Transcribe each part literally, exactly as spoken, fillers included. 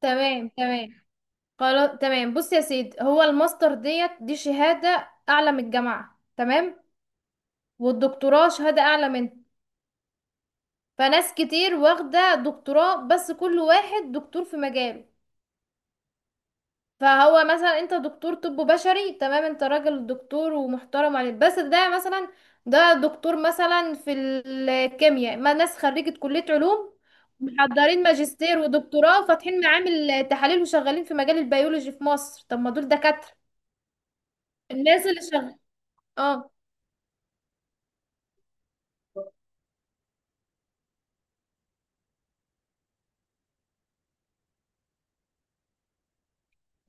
تمام تمام. خلاص تمام. بص يا سيدي، هو الماستر ديت دي شهادة أعلى من الجامعة، تمام، والدكتوراه شهادة أعلى منها. فناس كتير واخدة دكتوراه، بس كل واحد دكتور في مجاله. فهو مثلا انت دكتور طب بشري، تمام، انت راجل دكتور ومحترم عليك، بس ده مثلا ده دكتور مثلا في الكيمياء. ما ناس خريجة كلية علوم محضرين ماجستير ودكتوراه وفاتحين معامل تحاليل وشغالين في مجال البيولوجي في مصر. طب ما دول دكاترة، الناس اللي شغال. اه،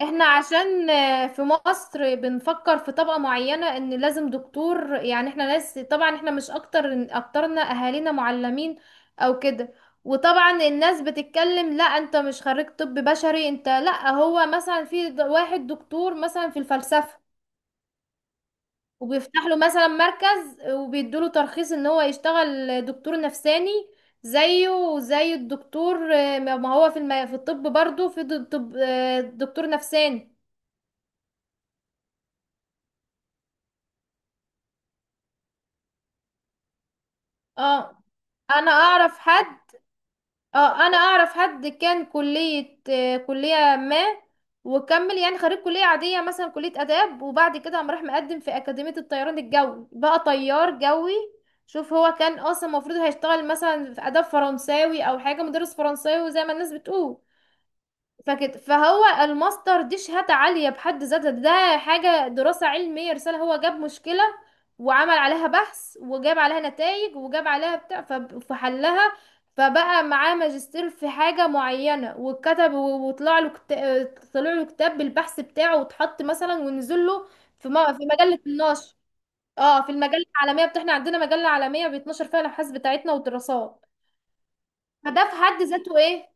احنا عشان آه، في مصر بنفكر في طبقة معينة ان لازم دكتور. يعني احنا ناس، طبعا احنا مش اكتر، اكترنا اهالينا معلمين او كده. وطبعا الناس بتتكلم: لا انت مش خريج طب بشري، انت لا. هو مثلا في د- واحد دكتور مثلا في الفلسفة وبيفتح له مثلا مركز وبيدوا له ترخيص ان هو يشتغل دكتور نفساني زيه وزي الدكتور آه، ما هو في الم... في الطب برضه في د- طب آه، دكتور نفساني. اه انا اعرف حد اه انا اعرف حد كان كلية آه، كلية ما، وكمل، يعني خريج كلية عادية مثلا كلية آداب، وبعد كده قام راح مقدم في أكاديمية الطيران الجوي، بقى طيار جوي. شوف، هو كان اصلا المفروض هيشتغل مثلا في آداب فرنساوي او حاجة، مدرس فرنساوي زي ما الناس بتقول. فكده، فهو الماستر دي شهادة عالية بحد ذاتها، ده حاجة دراسة علمية، رسالة، هو جاب مشكلة وعمل عليها بحث وجاب عليها نتائج وجاب عليها بتاع فب- فحلها. فبقى معاه ماجستير في حاجة معينة وكتب و- وطلع له كتاب، طلع له كتاب بالبحث بتاعه واتحط مثلا ونزل له في م- في مجلة النشر. اه، في المجلة العالمية بتاعنا، عندنا مجلة عالمية بيتنشر فيها الأبحاث بتاعتنا والدراسات. فده في حد ذاته ايه،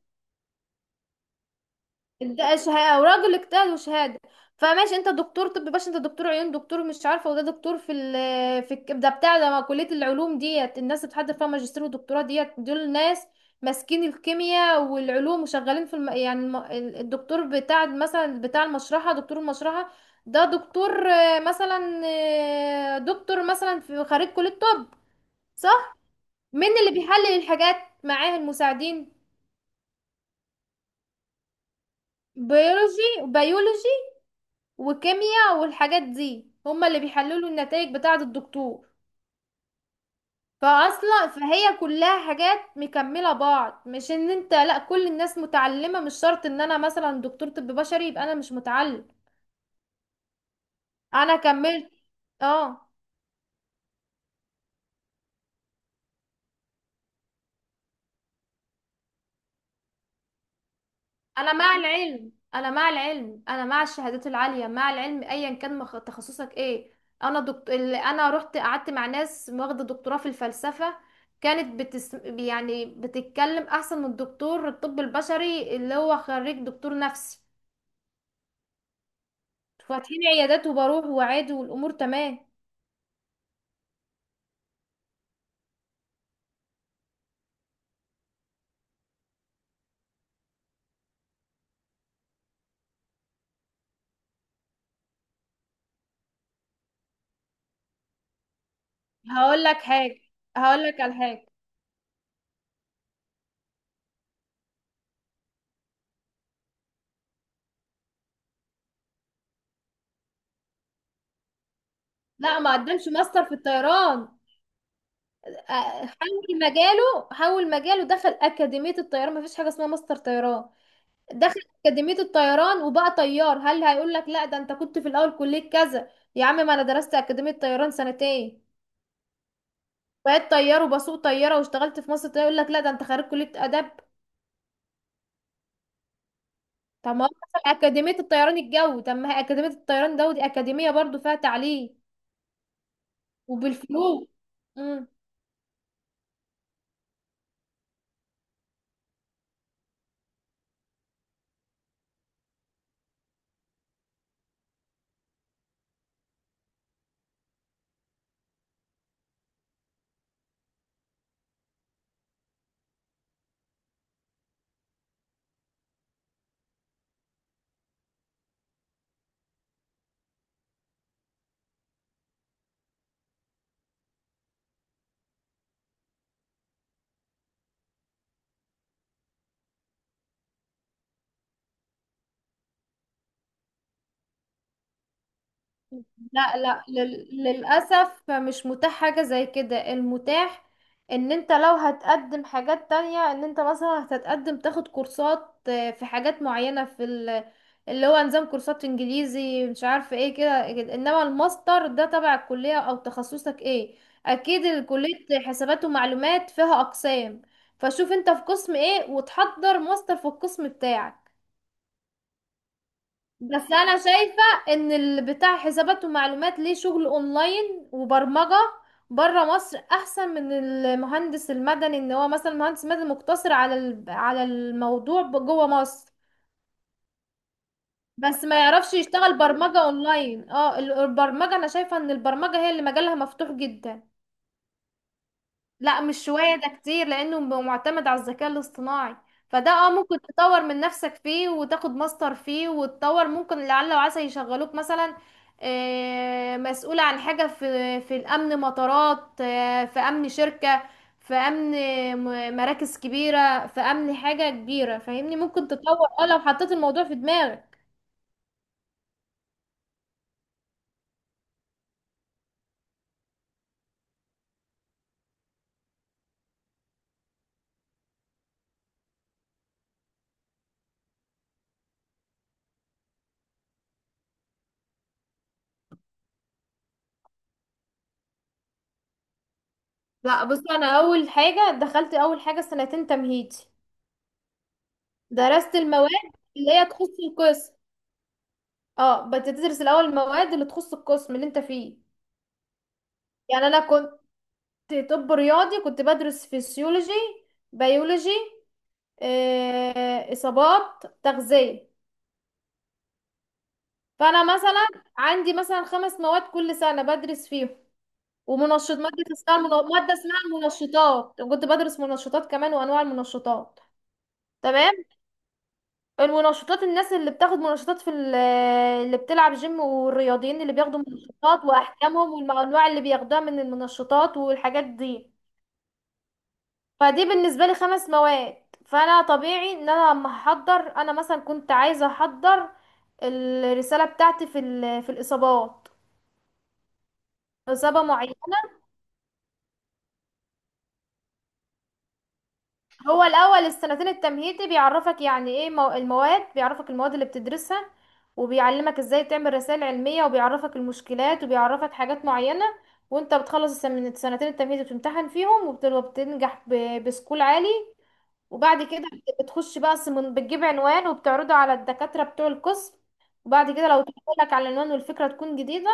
ده شهاده وراجل اجتهد وشهاده. فماشي، انت دكتور طب، باش، انت دكتور عيون، دكتور مش عارفه، وده دكتور في ال في الك- ده بتاع، ده كليه العلوم ديت، الناس اللي بتحضر فيها ماجستير ودكتوراه ديت دول ناس ماسكين الكيمياء والعلوم وشغالين في الم... يعني الم... ال- الدكتور بتاع مثلا بتاع المشرحه، دكتور المشرحه، ده دكتور آه، مثلا آه، دكتور مثلا في خريج كليه طب، صح؟ مين اللي بيحلل الحاجات؟ معاه المساعدين بيولوجي وبيولوجي وكيمياء والحاجات دي، هما اللي بيحللوا النتائج بتاعة الدكتور. فاصلا فهي كلها حاجات مكملة بعض، مش ان انت لا، كل الناس متعلمة، مش شرط ان انا مثلا دكتور طب بشري يبقى انا مش متعلم، انا كملت. اه، انا مع العلم انا مع العلم، انا مع الشهادات العاليه، مع العلم ايا كان مخ... تخصصك ايه. انا دكت... ال- انا رحت قعدت مع ناس واخده دكتوراه في الفلسفه، كانت بتس... يعني بتتكلم احسن من الدكتور الطب البشري اللي هو خريج دكتور نفسي، فاتحين عيادات وبروح وعادي والامور تمام. هقول لك حاجه، هقول لك على حاجه: لا ما قدمش ماستر في الطيران. أ- حول مجاله، حول مجاله، دخل اكاديميه الطيران، ما فيش حاجه اسمها ماستر طيران. دخل أكاديمية الطيران وبقى طيار. هل هيقول لك لا ده انت كنت في الأول كلية كذا؟ يا عم، ما انا درست أكاديمية طيران سنتين، بقيت طيار وبسوق طيارة واشتغلت في مصر. يقول لك لا ده انت خريج كلية آداب؟ طب ما هو دخل أكاديمية الطيران الجوي، طب ما هي أكاديمية الطيران ده ودي أكاديمية برضو فيها تعليم وبالفلوس. لا، لا، لل... للأسف مش متاح حاجة زي كده. المتاح ان انت لو هتقدم حاجات تانية، ان انت مثلا هتتقدم تاخد كورسات آه، في حاجات معينة في ال... اللي هو نظام كورسات انجليزي مش عارفة ايه، كده كده. انما الماستر ده تبع الكلية او تخصصك ايه. اكيد الكلية حسابات ومعلومات فيها اقسام، فشوف انت في قسم ايه وتحضر ماستر في القسم بتاعك. بس انا شايفة ان اللي بتاع حسابات ومعلومات ليه شغل اونلاين وبرمجة بره مصر، احسن من المهندس المدني، ان هو مثلا مهندس مدني مقتصر على ال- على الموضوع ب- جوه مصر، بس ما يعرفش يشتغل برمجة اونلاين. اه، ال- البرمجة، انا شايفة ان البرمجة هي اللي مجالها مفتوح جدا. لا مش شوية ده كتير، لأنه م- معتمد على الذكاء الاصطناعي. فده اه ممكن تطور من نفسك فيه وتاخد ماستر فيه وتطور، ممكن لعل وعسى يشغلوك مثلا آه، مسؤول عن حاجة في في الأمن مطارات، آه، في أمن شركة، في أمن م- مراكز كبيرة، في أمن حاجة كبيرة، فاهمني؟ ممكن تطور اه لو حطيت الموضوع في دماغك. لا بص، أنا أول حاجة دخلت، أول حاجة سنتين تمهيدي درست المواد اللي هي تخص القسم. اه بتدرس الاول المواد اللي تخص القسم اللي انت فيه. يعني انا كنت طب رياضي، كنت بدرس فسيولوجي، بيولوجي، آه، اصابات، تغذية. فانا مثلا عندي مثلا خمس مواد كل سنة بدرس فيهم، ومنشط مادة اسمها المن- مادة اسمها المنشطات، كنت بدرس منشطات كمان وانواع المنشطات. تمام، المنشطات الناس اللي بتاخد منشطات في ال- اللي بتلعب جيم والرياضيين اللي بياخدوا منشطات واحكامهم والانواع اللي بياخدوها من المنشطات والحاجات دي. فدي بالنسبه لي خمس مواد. فانا طبيعي ان انا لما احضر، انا مثلا كنت عايزه احضر الرساله بتاعتي في ال- في الاصابات، اصابه معينه. هو الاول السنتين التمهيدي بيعرفك يعني ايه مو- المواد، بيعرفك المواد اللي بتدرسها، وبيعلمك ازاي تعمل رسائل علميه، وبيعرفك المشكلات، وبيعرفك حاجات معينه. وانت بتخلص السن- من السنتين التمهيدي، بتمتحن فيهم وبت- وبتنجح ب- بسكول عالي. وبعد كده بت- بتخش بقى، سم- بتجيب عنوان وبتعرضه على الدكاتره بتوع القسم. وبعد كده لو تقول لك على العنوان والفكره تكون جديده،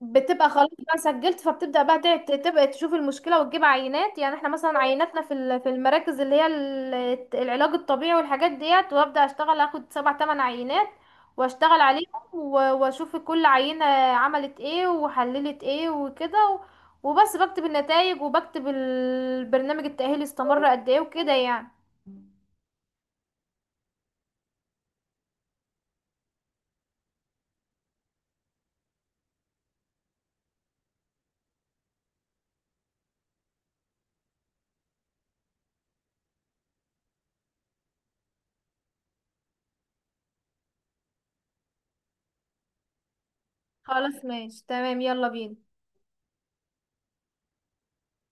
بتبقى خلاص بقى سجلت، فبتبدأ بقى ت- تبقى تشوف المشكلة وتجيب عينات. يعني احنا مثلا عيناتنا في ال- في المراكز اللي هي ال- العلاج الطبيعي والحاجات ديت، وابدأ اشتغل، اخد سبع تمن عينات واشتغل عليهم، و- واشوف كل عينة عملت ايه وحللت ايه وكده و- وبس بكتب النتائج وبكتب البرنامج التأهيلي استمر قد ايه وكده يعني. خلاص ماشي تمام، يلا بينا.